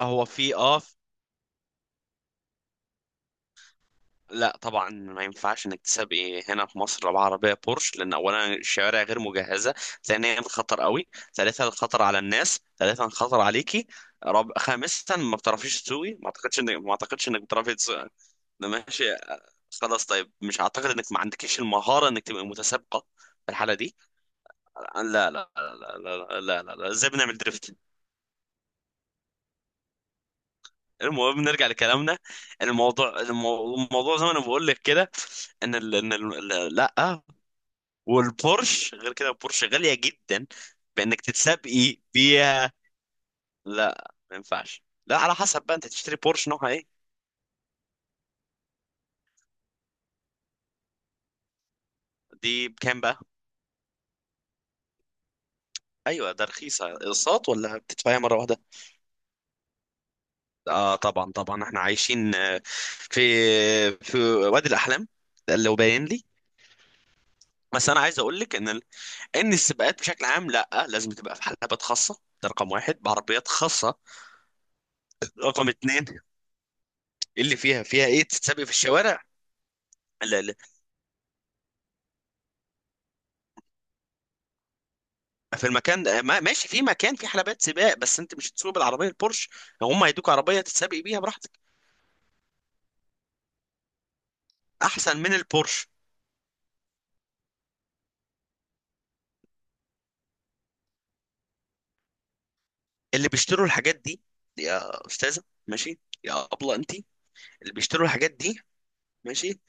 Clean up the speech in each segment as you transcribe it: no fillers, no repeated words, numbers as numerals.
هو في لا طبعا ما ينفعش انك تسابقي هنا في مصر بعربيه بورش، لان اولا الشوارع غير مجهزه، ثانيا الخطر قوي، ثالثا الخطر على الناس، ثالثا الخطر عليكي، خامسا ما بتعرفيش تسوقي. ما اعتقدش انك بتعرفي تسوقي. ده ماشي. خلاص طيب، مش اعتقد انك ما عندكيش المهاره انك تبقى متسابقه في الحاله دي. لا لا لا لا لا لا لا، لا. ازاي بنعمل دريفت؟ المهم نرجع لكلامنا. الموضوع الموضوع زي ما انا بقول لك كده، ان لا. والبورش غير كده، البورش غاليه جدا بانك تتسابقي بيها. لا ما ينفعش، لا على حسب بقى انت تشتري بورش نوعها ايه. دي بكام بقى؟ ايوه ده رخيصه. اقساط ولا بتدفعيها مره واحده؟ اه طبعا طبعا، احنا عايشين في في وادي الاحلام، ده اللي هو باين لي. بس انا عايز اقول لك ان السباقات بشكل عام لا، لازم تبقى في حلبات خاصه، ده رقم واحد، بعربيات خاصه. رقم اتنين، اللي فيها فيها ايه تتسابق في الشوارع؟ لا لا، في المكان ده ماشي في مكان في حلبات سباق، بس انت مش هتسوق بالعربيه البورش، هم هيدوك عربيه تتسابق بيها براحتك احسن من البورش. اللي بيشتروا الحاجات دي، يا استاذه ماشي يا ابله انت، اللي بيشتروا الحاجات دي ماشي.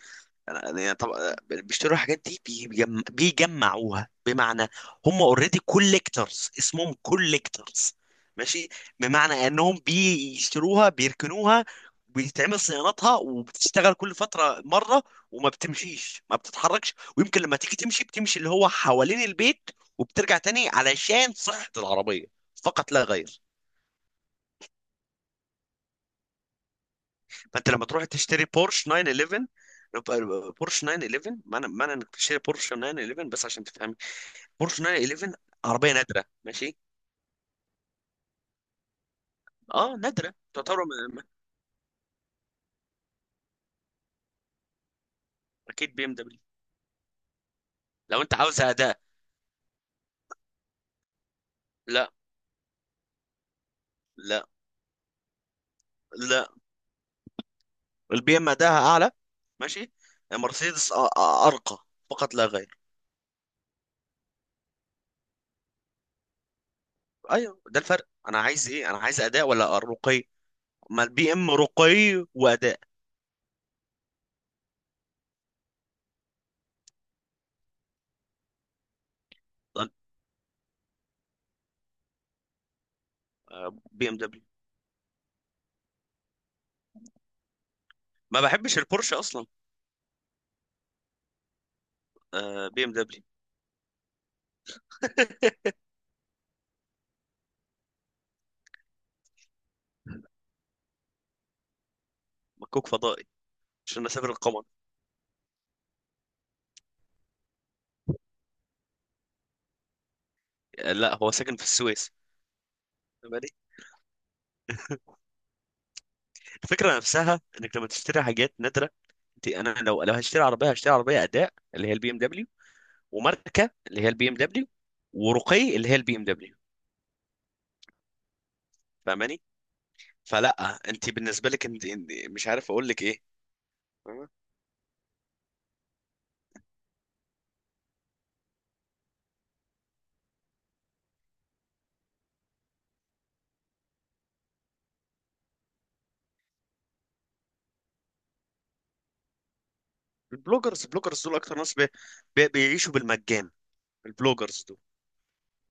يعني طب بيشتروا الحاجات دي بيجمعوها، بمعنى هم اوريدي كوليكتورز، اسمهم كوليكتورز ماشي، بمعنى انهم بيشتروها بيركنوها، بيتعمل صيانتها وبتشتغل كل فترة مرة، وما بتمشيش ما بتتحركش، ويمكن لما تيجي تمشي بتمشي اللي هو حوالين البيت وبترجع تاني علشان صحة العربية فقط لا غير. فانت لما تروح تشتري بورش 911، بورش 911، معنى انك تشتري بورش 911 بس عشان تفهم. بورش 911 عربيه نادره ماشي. اه نادره تعتبر اكيد بي ام دبليو لو انت عاوز اداء. لا لا لا، البي ام اداها اعلى ماشي. مرسيدس ارقى فقط لا غير. ايوه ده الفرق، انا عايز ايه، انا عايز اداء ولا رقي؟ ما البي ام رقي واداء. طب، آه، بي ام دبليو. ما بحبش البورشه اصلا. بي ام دبليو. مكوك فضائي عشان اسافر القمر. لا هو ساكن في السويس. الفكره نفسها انك لما تشتري حاجات نادره، انا لو هشتري عربيه هشتري عربيه اداء اللي هي البي ام دبليو، وماركه اللي هي البي ام دبليو، ورقي اللي هي البي ام دبليو. فاهماني؟ فلا، انت بالنسبه لك مش عارف اقول لك ايه. فاهمة؟ البلوجرز، البلوجرز دول اكتر ناس بي بي بيعيشوا بالمجان، البلوجرز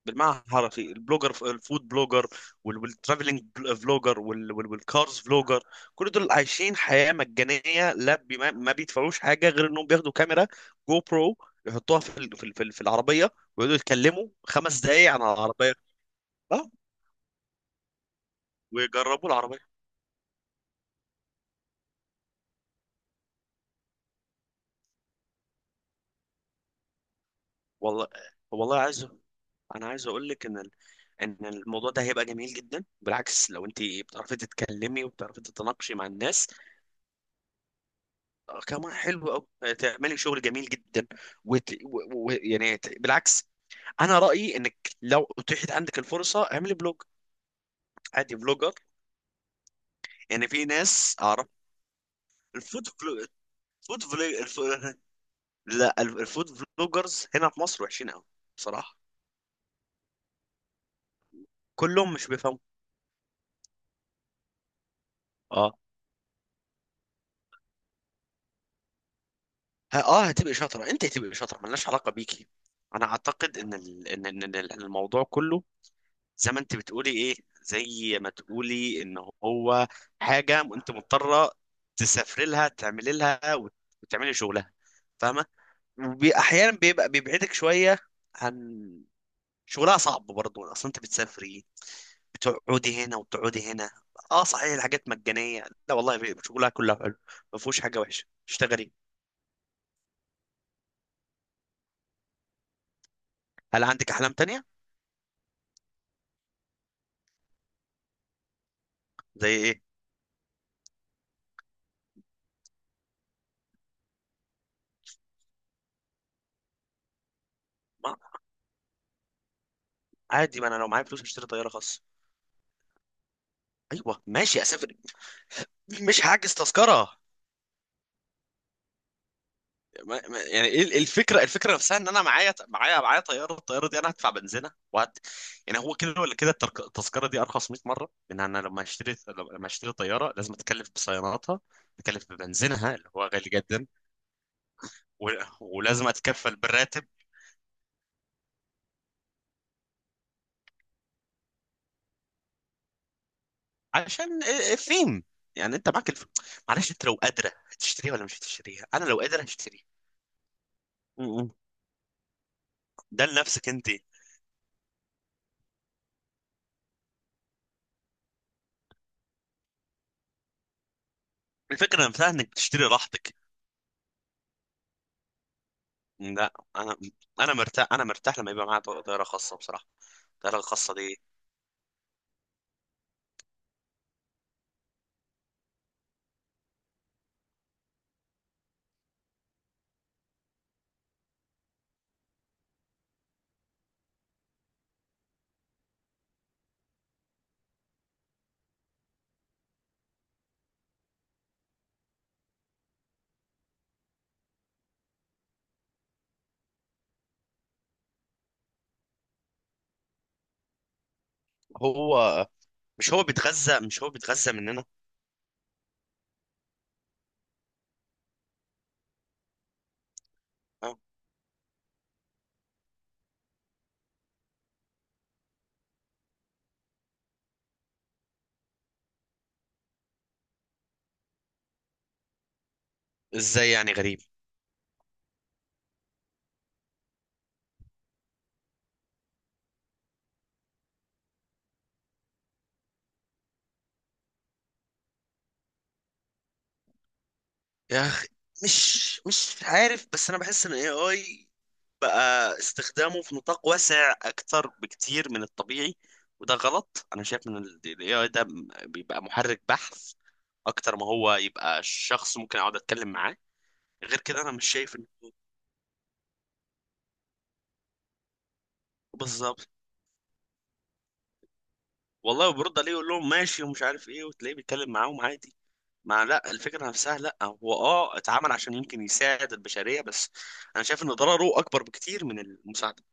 بالمعنى الحرفي. البلوجر الفود بلوجر والترافلينج فلوجر والكارز فلوجر، كل دول عايشين حياة مجانية لا ما بيدفعوش حاجة غير انهم بياخدوا كاميرا جو برو، يحطوها في في العربية، ويقعدوا يتكلموا خمس دقايق عن العربية. اه ويجربوا العربية. والله، والله عايز، انا عايز اقول لك ان الموضوع ده هيبقى جميل جدا بالعكس، لو انت بتعرفي تتكلمي وبتعرفي تتناقشي مع الناس. كمان حلو قوي، تعملي شغل جميل جدا وت... و... و... يعني ت- بالعكس، انا رايي انك لو اتيحت عندك الفرصه اعملي بلوج عادي، فلوجر. يعني في ناس اعرف الفود فلو... الفود فلو... الف... لا ال- الفود فلوجرز هنا في مصر وحشين قوي بصراحه. كلهم مش بيفهموا. اه هتبقى شاطره، انت هتبقى شاطره، ملناش علاقه بيكي. انا اعتقد ان إن الموضوع كله زي ما انت بتقولي ايه، زي ما تقولي ان هو حاجه انت مضطره تسافري لها تعملي لها وتعملي شغلها، فاهمه؟ واحيانا بيبقى بيبعدك شويه عن شغلها، صعب برضه اصلا انت بتسافري، بتقعدي هنا وبتقعدي هنا. اه صحيح الحاجات مجانيه، لا والله شغلها كله حلو، ما فيهوش حاجه وحشه، اشتغلي. هل عندك احلام تانية؟ زي ايه؟ ما عادي، ما انا لو معايا فلوس اشتري طياره خاصه. ايوه ماشي اسافر، مش هحجز تذكره. يعني ايه الفكره، الفكره نفسها ان انا معايا طياره، الطياره دي انا هدفع بنزينه وهت، يعني هو كده ولا كده التذكره دي ارخص 100 مره، لان انا لما اشتري طياره لازم اتكلف بصياناتها، اتكلف ببنزينها اللي هو غالي جدا، و... ولازم اتكفل بالراتب. عشان إيه فين، يعني انت معلش انت لو قادره هتشتريها ولا مش هتشتريها، انا لو قادر هشتريها. م- م. ده لنفسك انت، الفكره نفسها انك بتشتري راحتك. لا انا انا مرتاح، انا مرتاح لما يبقى معايا طياره خاصه بصراحه، الطياره الخاصه دي. هو مش هو بيتغذى مش هو بيتغذى مننا. أه. ازاي يعني غريب؟ يا اخي مش عارف، بس انا بحس ان الاي اي بقى استخدامه في نطاق واسع اكتر بكتير من الطبيعي، وده غلط. انا شايف ان الاي اي ده بيبقى محرك بحث اكتر ما هو يبقى شخص ممكن اقعد اتكلم معاه. غير كده انا مش شايف انه، بالظبط. والله، وبيرد عليه يقول لهم ماشي ومش عارف ايه، وتلاقيه بيتكلم معاهم عادي. مع لا الفكرة نفسها، لا هو اه اتعمل عشان يمكن يساعد البشرية، بس انا شايف ان ضرره اكبر بكتير من المساعدة.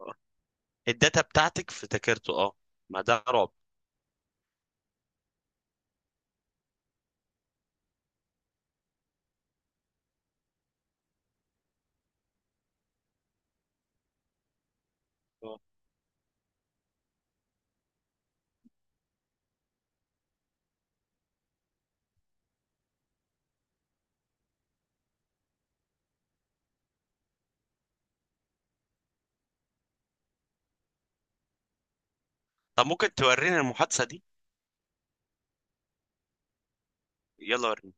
آه. الداتا بتاعتك افتكرته اه. ما ده رعب. آه. طب ممكن توريني المحادثة دي؟ يلا وريني.